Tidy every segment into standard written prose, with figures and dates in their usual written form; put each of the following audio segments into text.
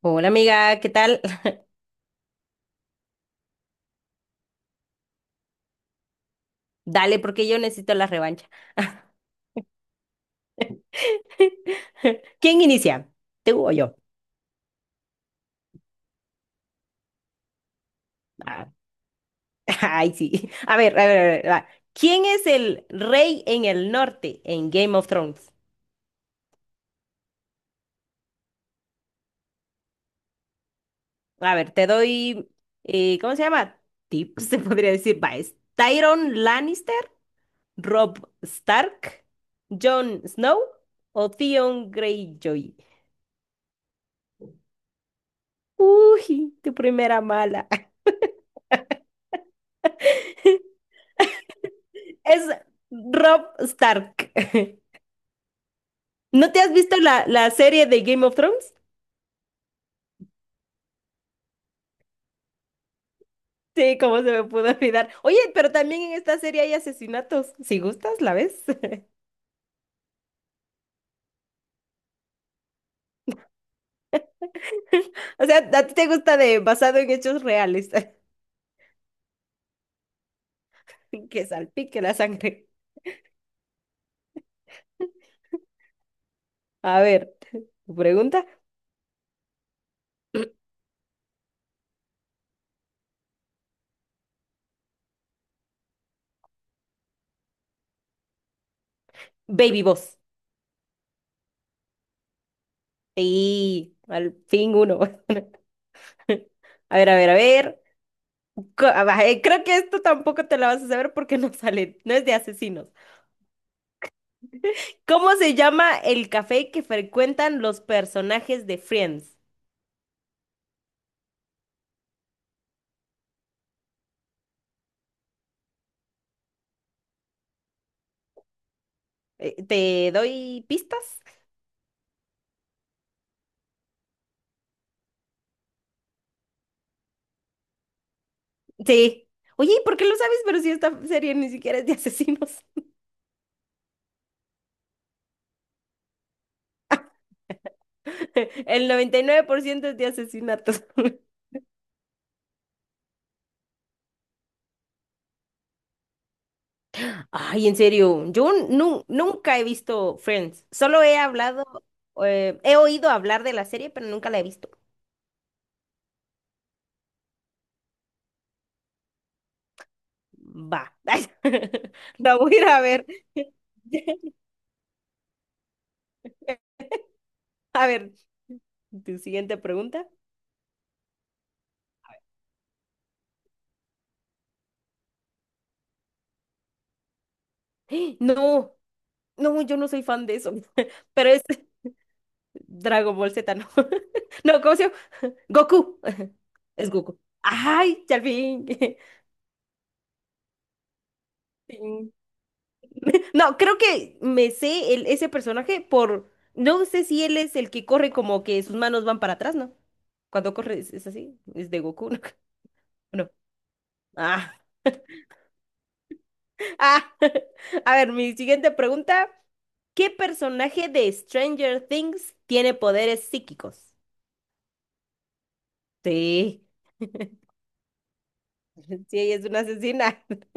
Hola amiga, ¿qué tal? Dale, porque yo necesito la revancha. ¿Quién inicia? ¿Tú o yo? Ah, ay, sí. A ver, a ver, a ver, va. ¿Quién es el rey en el norte en Game of Thrones? A ver, te doy, ¿cómo se llama? Tips, se podría decir. Va, es Tyrion Lannister, Rob Stark, Jon Snow o Theon Greyjoy. Uy, tu primera mala. Es Rob Stark. ¿No te has visto la serie de Game of Thrones? Sí, cómo se me pudo olvidar. Oye, pero también en esta serie hay asesinatos. Si gustas, la ves. O sea, a ti te gusta de basado en hechos reales, que salpique la sangre. A ver, tu pregunta. Baby Boss. Sí, al fin uno. A ver, a ver, a ver. Creo que esto tampoco te la vas a saber porque no sale, no es de asesinos. ¿Cómo se llama el café que frecuentan los personajes de Friends? ¿Te doy pistas? Sí. Oye, ¿y por qué lo sabes? Pero si esta serie ni siquiera es de asesinos. El 99% es de asesinatos. Ay, en serio, yo nunca he visto Friends. Solo he hablado, he oído hablar de la serie, pero nunca la he visto. Va. La voy a ir a ver. A ver, tu siguiente pregunta. No, No, yo no soy fan de eso. Pero es Dragon Ball Z, no. No, ¿cómo se llama? Goku. Es Goku. Ay, ya al fin. Sí. No, creo que me sé el, ese personaje por. No sé si él es el que corre como que sus manos van para atrás, ¿no? Cuando corre es así. Es de Goku, ¿no? No. Ah, ah. A ver, mi siguiente pregunta. ¿Qué personaje de Stranger Things tiene poderes psíquicos? Sí. Sí, ella es una asesina.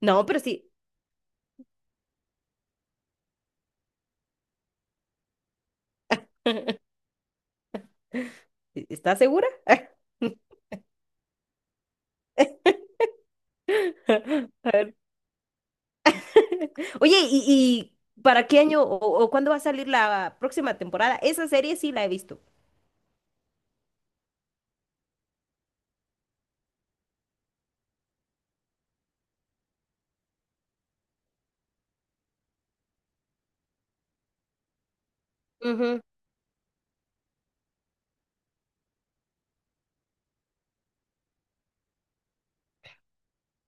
No, pero sí. ¿Estás segura? A ver. Oye, ¿y para qué año o cuándo va a salir la próxima temporada? Esa serie sí la he visto. Ujú.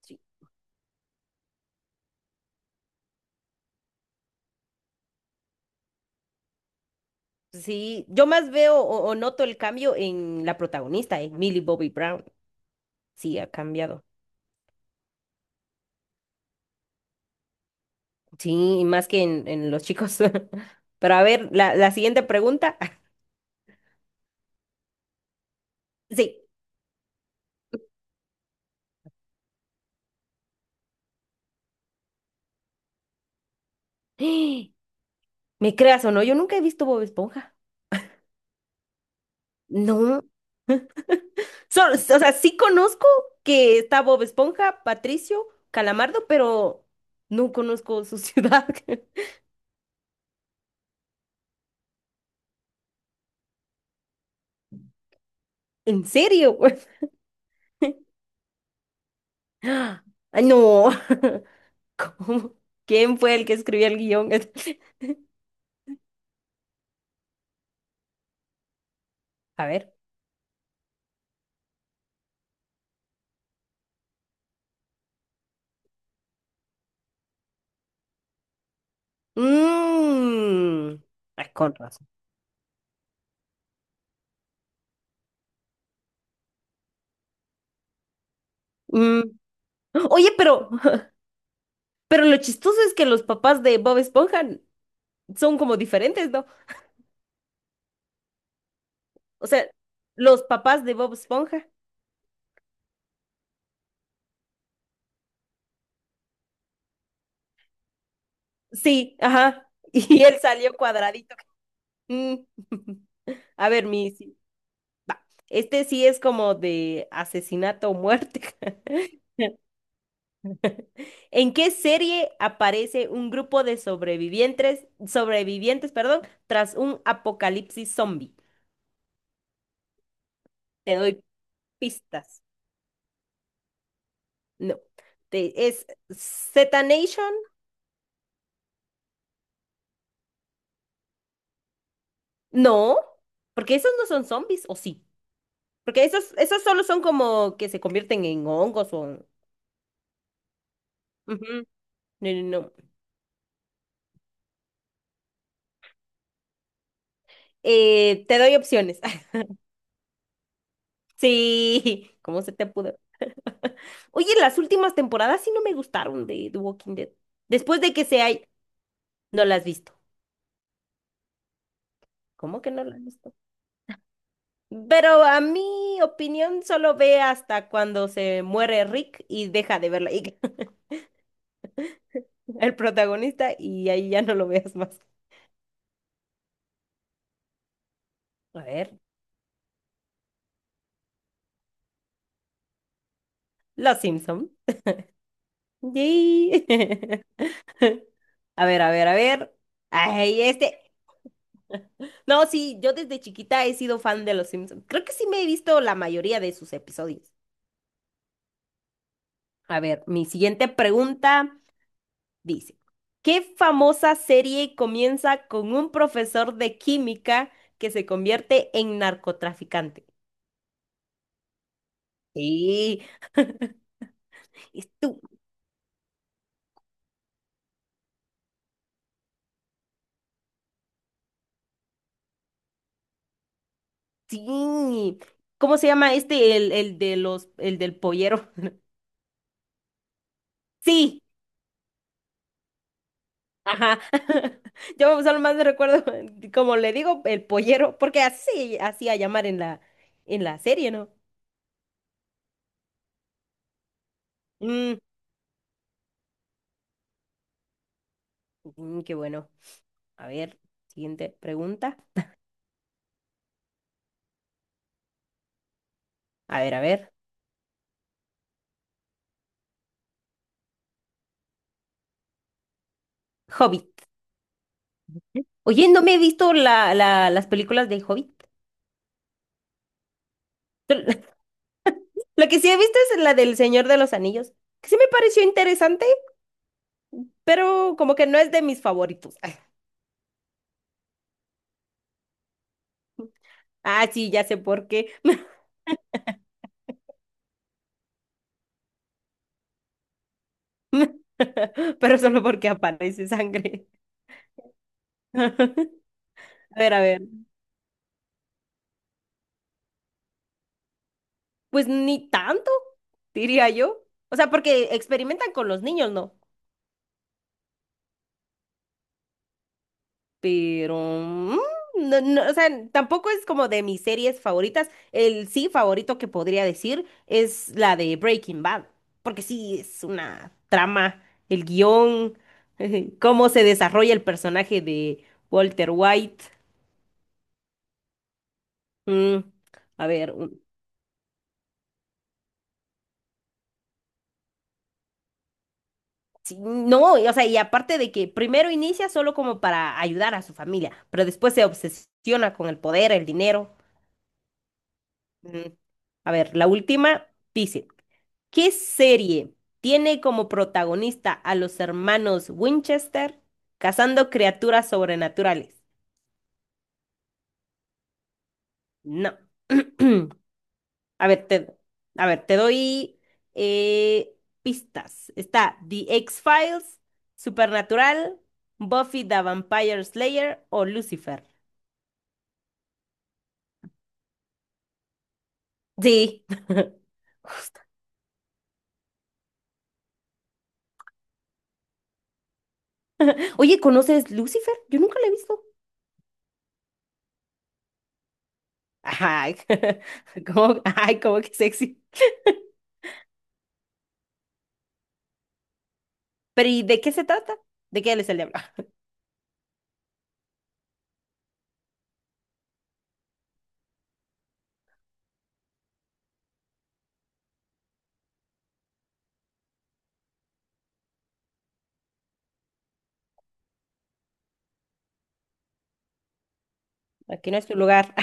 Sí, sí, yo más veo o noto el cambio en la protagonista, en Millie Bobby Brown. Sí, ha cambiado. Sí, y más que en los chicos. Pero a ver, la siguiente pregunta. Sí. ¿Me creas o no? Yo nunca he visto Bob Esponja. No. O sea, sí conozco que está Bob Esponja, Patricio, Calamardo, pero no conozco su ciudad. ¿En serio, güey? Ay, no. ¿Cómo? ¿Quién fue el que escribió el guión? A ver. Mm. Ay, con razón. Mm. Oye, pero, pero lo chistoso es que los papás de Bob Esponja son como diferentes, ¿no? O sea, los papás de Bob Esponja. Sí, ajá. Y él salió cuadradito. Mm. A ver, mi, sí, este sí es como de asesinato o muerte. ¿En qué serie aparece un grupo de sobrevivientes, perdón, tras un apocalipsis zombie? Te doy pistas. No. ¿Es Z Nation? No, porque esos no son zombies, ¿o sí? Porque esos solo son como que se convierten en hongos o... Ujú. No. Te doy opciones. Sí, ¿cómo se te pudo? Oye, las últimas temporadas sí no me gustaron de The Walking Dead. Después de que se hay, no las has visto. ¿Cómo que no las has visto? Pero a mi opinión solo ve hasta cuando se muere Rick y deja de verla el protagonista y ahí ya no lo veas más. A ver, Los Simpson. Yay. A ver, a ver, a ver. Ay, este. No, sí, yo desde chiquita he sido fan de Los Simpson. Creo que sí me he visto la mayoría de sus episodios. A ver, mi siguiente pregunta dice, ¿qué famosa serie comienza con un profesor de química que se convierte en narcotraficante? Sí, es tú, sí. ¿Cómo se llama este, el de el del pollero? Sí, ajá. Yo solo más me recuerdo, como le digo, el pollero, porque así hacía llamar en en la serie, ¿no? Mm, qué bueno. A ver, siguiente pregunta. A ver, a ver. Hobbit. Oye, no me he visto las películas de Hobbit. La que sí he visto es la del Señor de los Anillos, que sí me pareció interesante, pero como que no es de mis favoritos. Ah, sí, ya sé por qué. Pero solo porque aparece sangre. A ver, a ver. Pues ni tanto, diría yo. O sea, porque experimentan con los niños, ¿no? Pero no, o sea, tampoco es como de mis series favoritas. El sí favorito que podría decir es la de Breaking Bad, porque sí es una trama, el guión, cómo se desarrolla el personaje de Walter White. Mm, a ver, sí, no, o sea, y aparte de que primero inicia solo como para ayudar a su familia, pero después se obsesiona con el poder, el dinero. Mm, a ver, la última, dice. ¿Qué serie tiene como protagonista a los hermanos Winchester cazando criaturas sobrenaturales? No. A ver, a ver, te doy eh, pistas. Está The X-Files, Supernatural, Buffy the Vampire Slayer o Lucifer. Sí. Oye, ¿conoces Lucifer? Yo nunca la he visto. Ay, ¿cómo, ay, cómo que sexy? Pero ¿y de qué se trata? ¿De qué él es el diablo? Aquí no es tu lugar.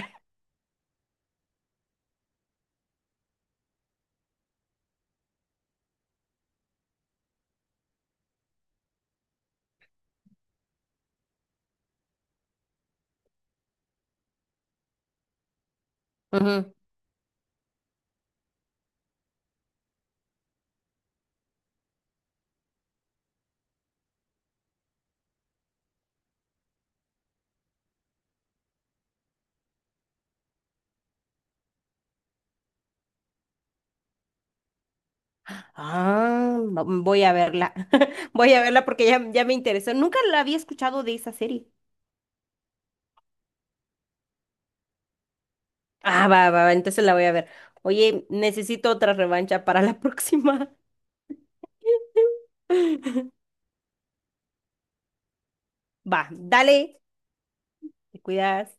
Ujú. Ah, voy a verla. Voy a verla porque ya me interesó. Nunca la había escuchado de esa serie. Ah, va, va, va, entonces la voy a ver. Oye, necesito otra revancha para la próxima. Va, dale, te cuidas.